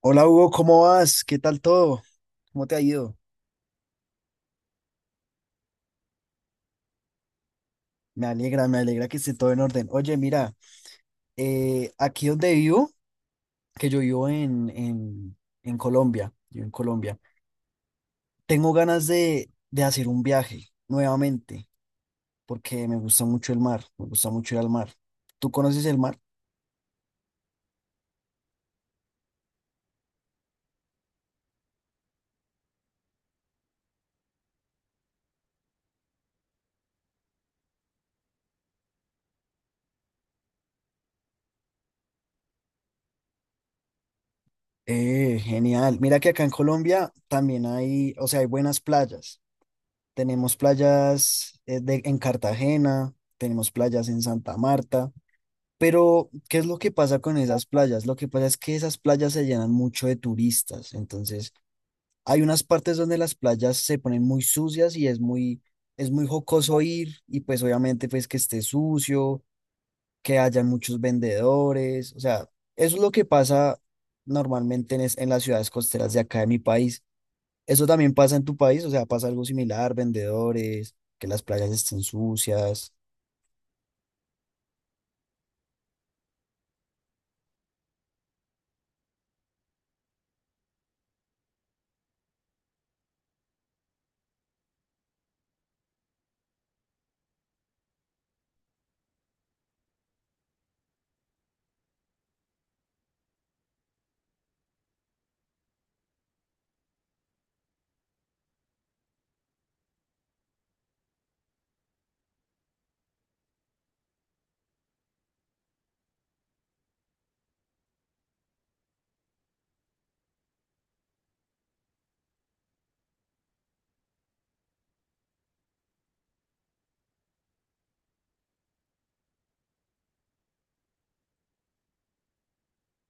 Hola Hugo, ¿cómo vas? ¿Qué tal todo? ¿Cómo te ha ido? Me alegra que esté todo en orden. Oye, mira, aquí donde vivo, que yo vivo en Colombia, yo en Colombia, tengo ganas de hacer un viaje nuevamente, porque me gusta mucho el mar, me gusta mucho ir al mar. ¿Tú conoces el mar? Genial. Mira que acá en Colombia también hay, o sea, hay buenas playas. Tenemos playas en Cartagena, tenemos playas en Santa Marta. Pero, ¿qué es lo que pasa con esas playas? Lo que pasa es que esas playas se llenan mucho de turistas. Entonces, hay unas partes donde las playas se ponen muy sucias y es muy jocoso ir. Y pues obviamente, pues que esté sucio, que haya muchos vendedores. O sea, eso es lo que pasa normalmente en las ciudades costeras de acá de mi país. Eso también pasa en tu país, o sea, pasa algo similar, vendedores, que las playas estén sucias.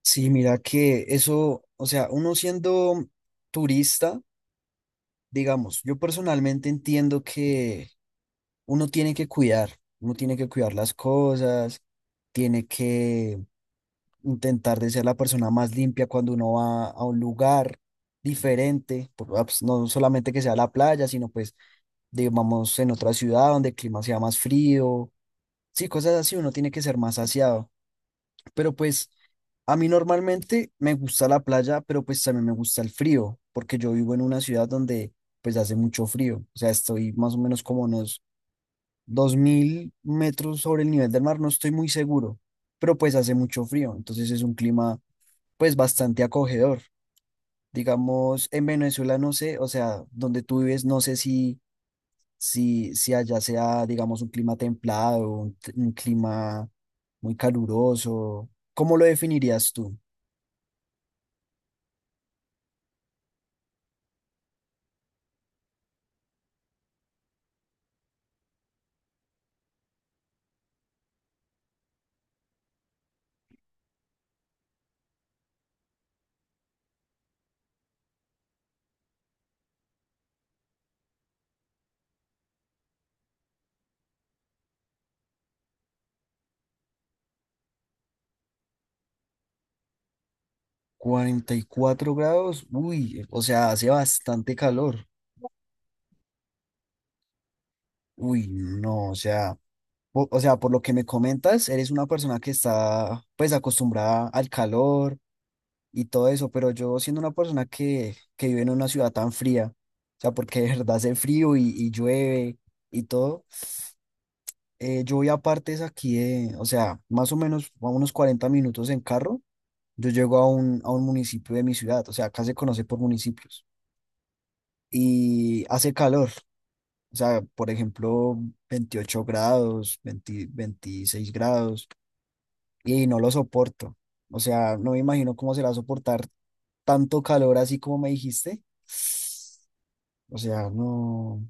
Sí, mira que eso, o sea, uno siendo turista, digamos, yo personalmente entiendo que uno tiene que cuidar, uno tiene que cuidar las cosas, tiene que intentar de ser la persona más limpia cuando uno va a un lugar diferente, pues, no solamente que sea la playa, sino pues, digamos, en otra ciudad donde el clima sea más frío, sí, cosas así, uno tiene que ser más aseado. Pero pues a mí normalmente me gusta la playa, pero pues también me gusta el frío, porque yo vivo en una ciudad donde pues hace mucho frío. O sea, estoy más o menos como unos 2000 metros sobre el nivel del mar, no estoy muy seguro, pero pues hace mucho frío. Entonces es un clima pues bastante acogedor. Digamos, en Venezuela no sé, o sea, donde tú vives, no sé si allá sea, digamos, un clima templado, un clima muy caluroso. ¿Cómo lo definirías tú? 44 grados, uy, o sea, hace bastante calor. Uy, no, o sea, por lo que me comentas, eres una persona que está pues acostumbrada al calor y todo eso, pero yo siendo una persona que vive en una ciudad tan fría, o sea, porque de verdad hace frío y llueve y todo, yo voy a partes aquí de, o sea, más o menos a unos 40 minutos en carro, yo llego a un municipio de mi ciudad, o sea, acá se conoce por municipios y hace calor. O sea, por ejemplo, 28 grados, 20 26 grados, y no lo soporto. O sea, no me imagino cómo será soportar tanto calor así como me dijiste. O sea, no.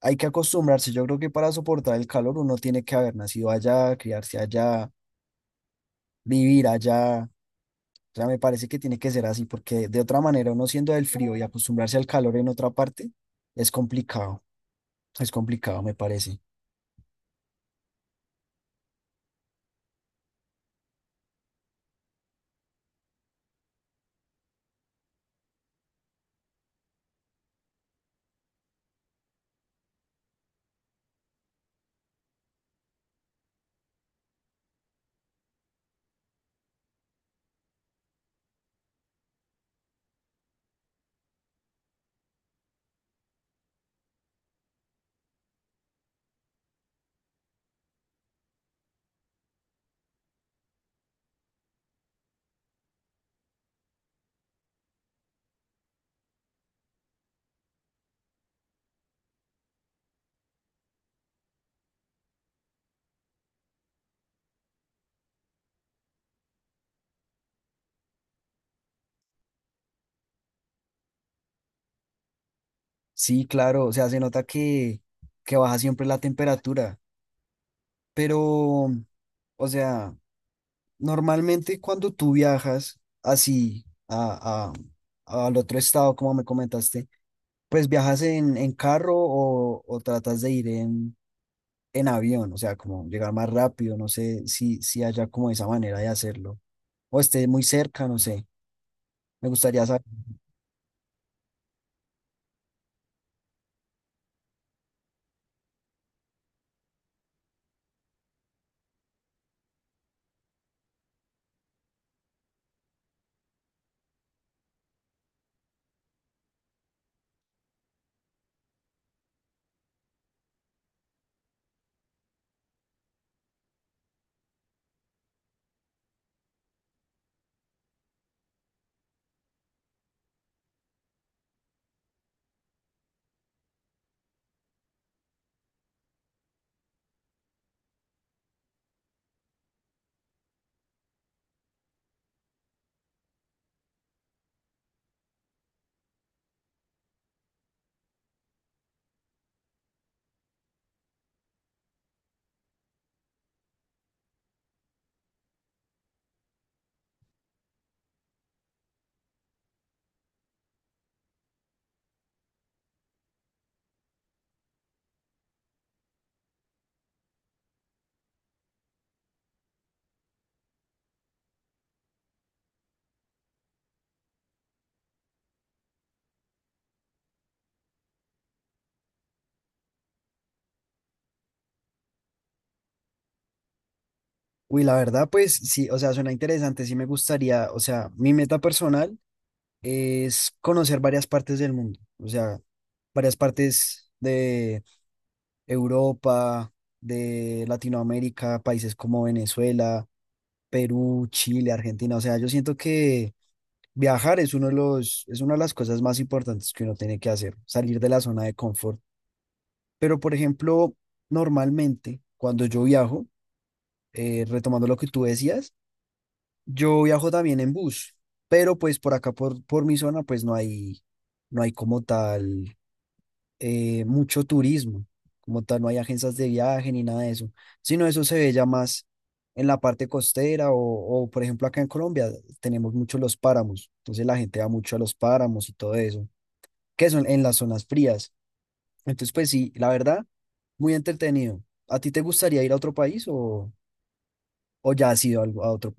Hay que acostumbrarse. Yo creo que para soportar el calor uno tiene que haber nacido allá, criarse allá, vivir allá. O sea, me parece que tiene que ser así, porque de otra manera, uno siendo del frío y acostumbrarse al calor en otra parte, es complicado. Es complicado, me parece. Sí, claro, o sea, se nota que baja siempre la temperatura, pero, o sea, normalmente cuando tú viajas así al otro estado, como me comentaste, pues viajas en carro o tratas de ir en avión, o sea, como llegar más rápido, no sé si haya como esa manera de hacerlo, o esté muy cerca, no sé, me gustaría saber. Uy, la verdad, pues sí, o sea, suena interesante, sí me gustaría, o sea, mi meta personal. Es conocer varias partes del mundo, o sea, varias partes de Europa, de Latinoamérica, países como Venezuela, Perú, Chile, Argentina, o sea, yo siento que viajar es uno de los, es una de las cosas más importantes que uno tiene que hacer, salir de la zona de confort. Pero, por ejemplo, normalmente cuando yo viajo, retomando lo que tú decías, yo viajo también en bus, pero pues por acá, por mi zona, pues no hay, no hay como tal mucho turismo, como tal, no hay agencias de viaje ni nada de eso, sino eso se ve ya más en la parte costera o, por ejemplo, acá en Colombia tenemos mucho los páramos, entonces la gente va mucho a los páramos y todo eso, que son en las zonas frías. Entonces, pues sí, la verdad, muy entretenido. ¿A ti te gustaría ir a otro país o ya has ido a otro?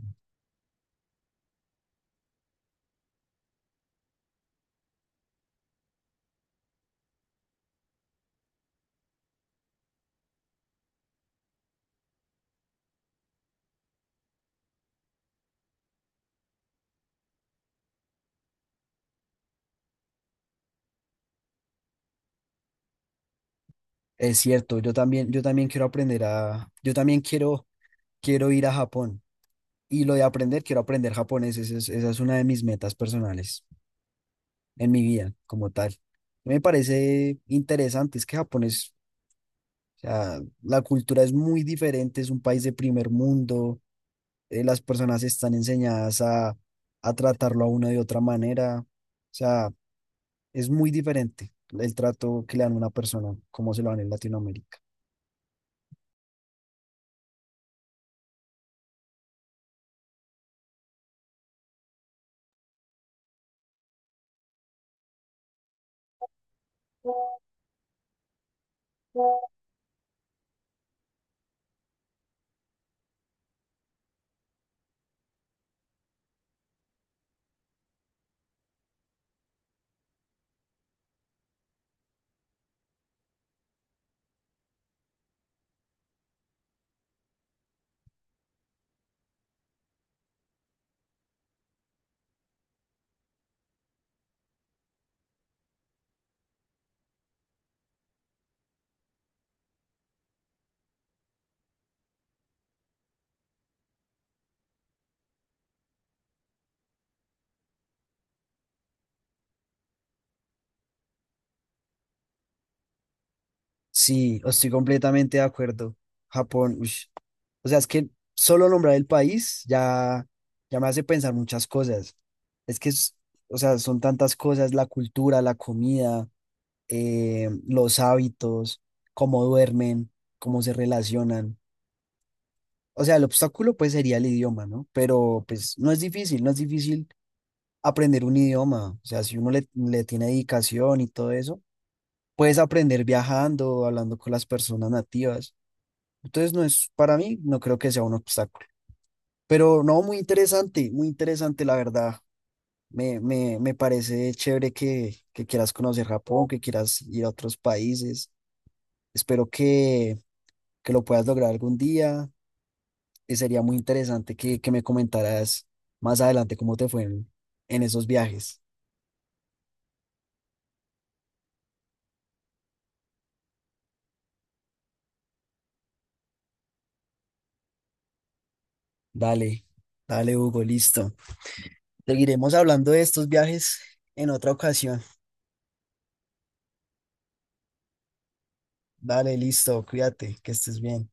Es cierto, yo también quiero aprender a, yo también quiero, quiero ir a Japón. Y lo de aprender, quiero aprender japonés, esa es una de mis metas personales. En mi vida como tal. Me parece interesante, es que Japón es, o sea, la cultura es muy diferente, es un país de primer mundo, las personas están enseñadas a tratarlo a uno de otra manera, o sea, es muy diferente el trato que le dan a una persona como se lo dan en Latinoamérica. Sí, estoy completamente de acuerdo. Japón, ush, o sea, es que solo nombrar el país ya, ya me hace pensar muchas cosas. Es que, es- o sea, son tantas cosas, la cultura, la comida, los hábitos, cómo duermen, cómo se relacionan. O sea, el obstáculo pues sería el idioma, ¿no? Pero pues no es difícil, no es difícil aprender un idioma. O sea, si uno le tiene dedicación y todo eso, puedes aprender viajando, hablando con las personas nativas. Entonces, no es, para mí, no creo que sea un obstáculo. Pero no, muy interesante, la verdad. Me parece chévere que quieras conocer Japón, que quieras ir a otros países. Espero que lo puedas lograr algún día. Y sería muy interesante que me comentaras más adelante cómo te fue en esos viajes. Dale, dale, Hugo, listo. Seguiremos hablando de estos viajes en otra ocasión. Dale, listo, cuídate, que estés bien.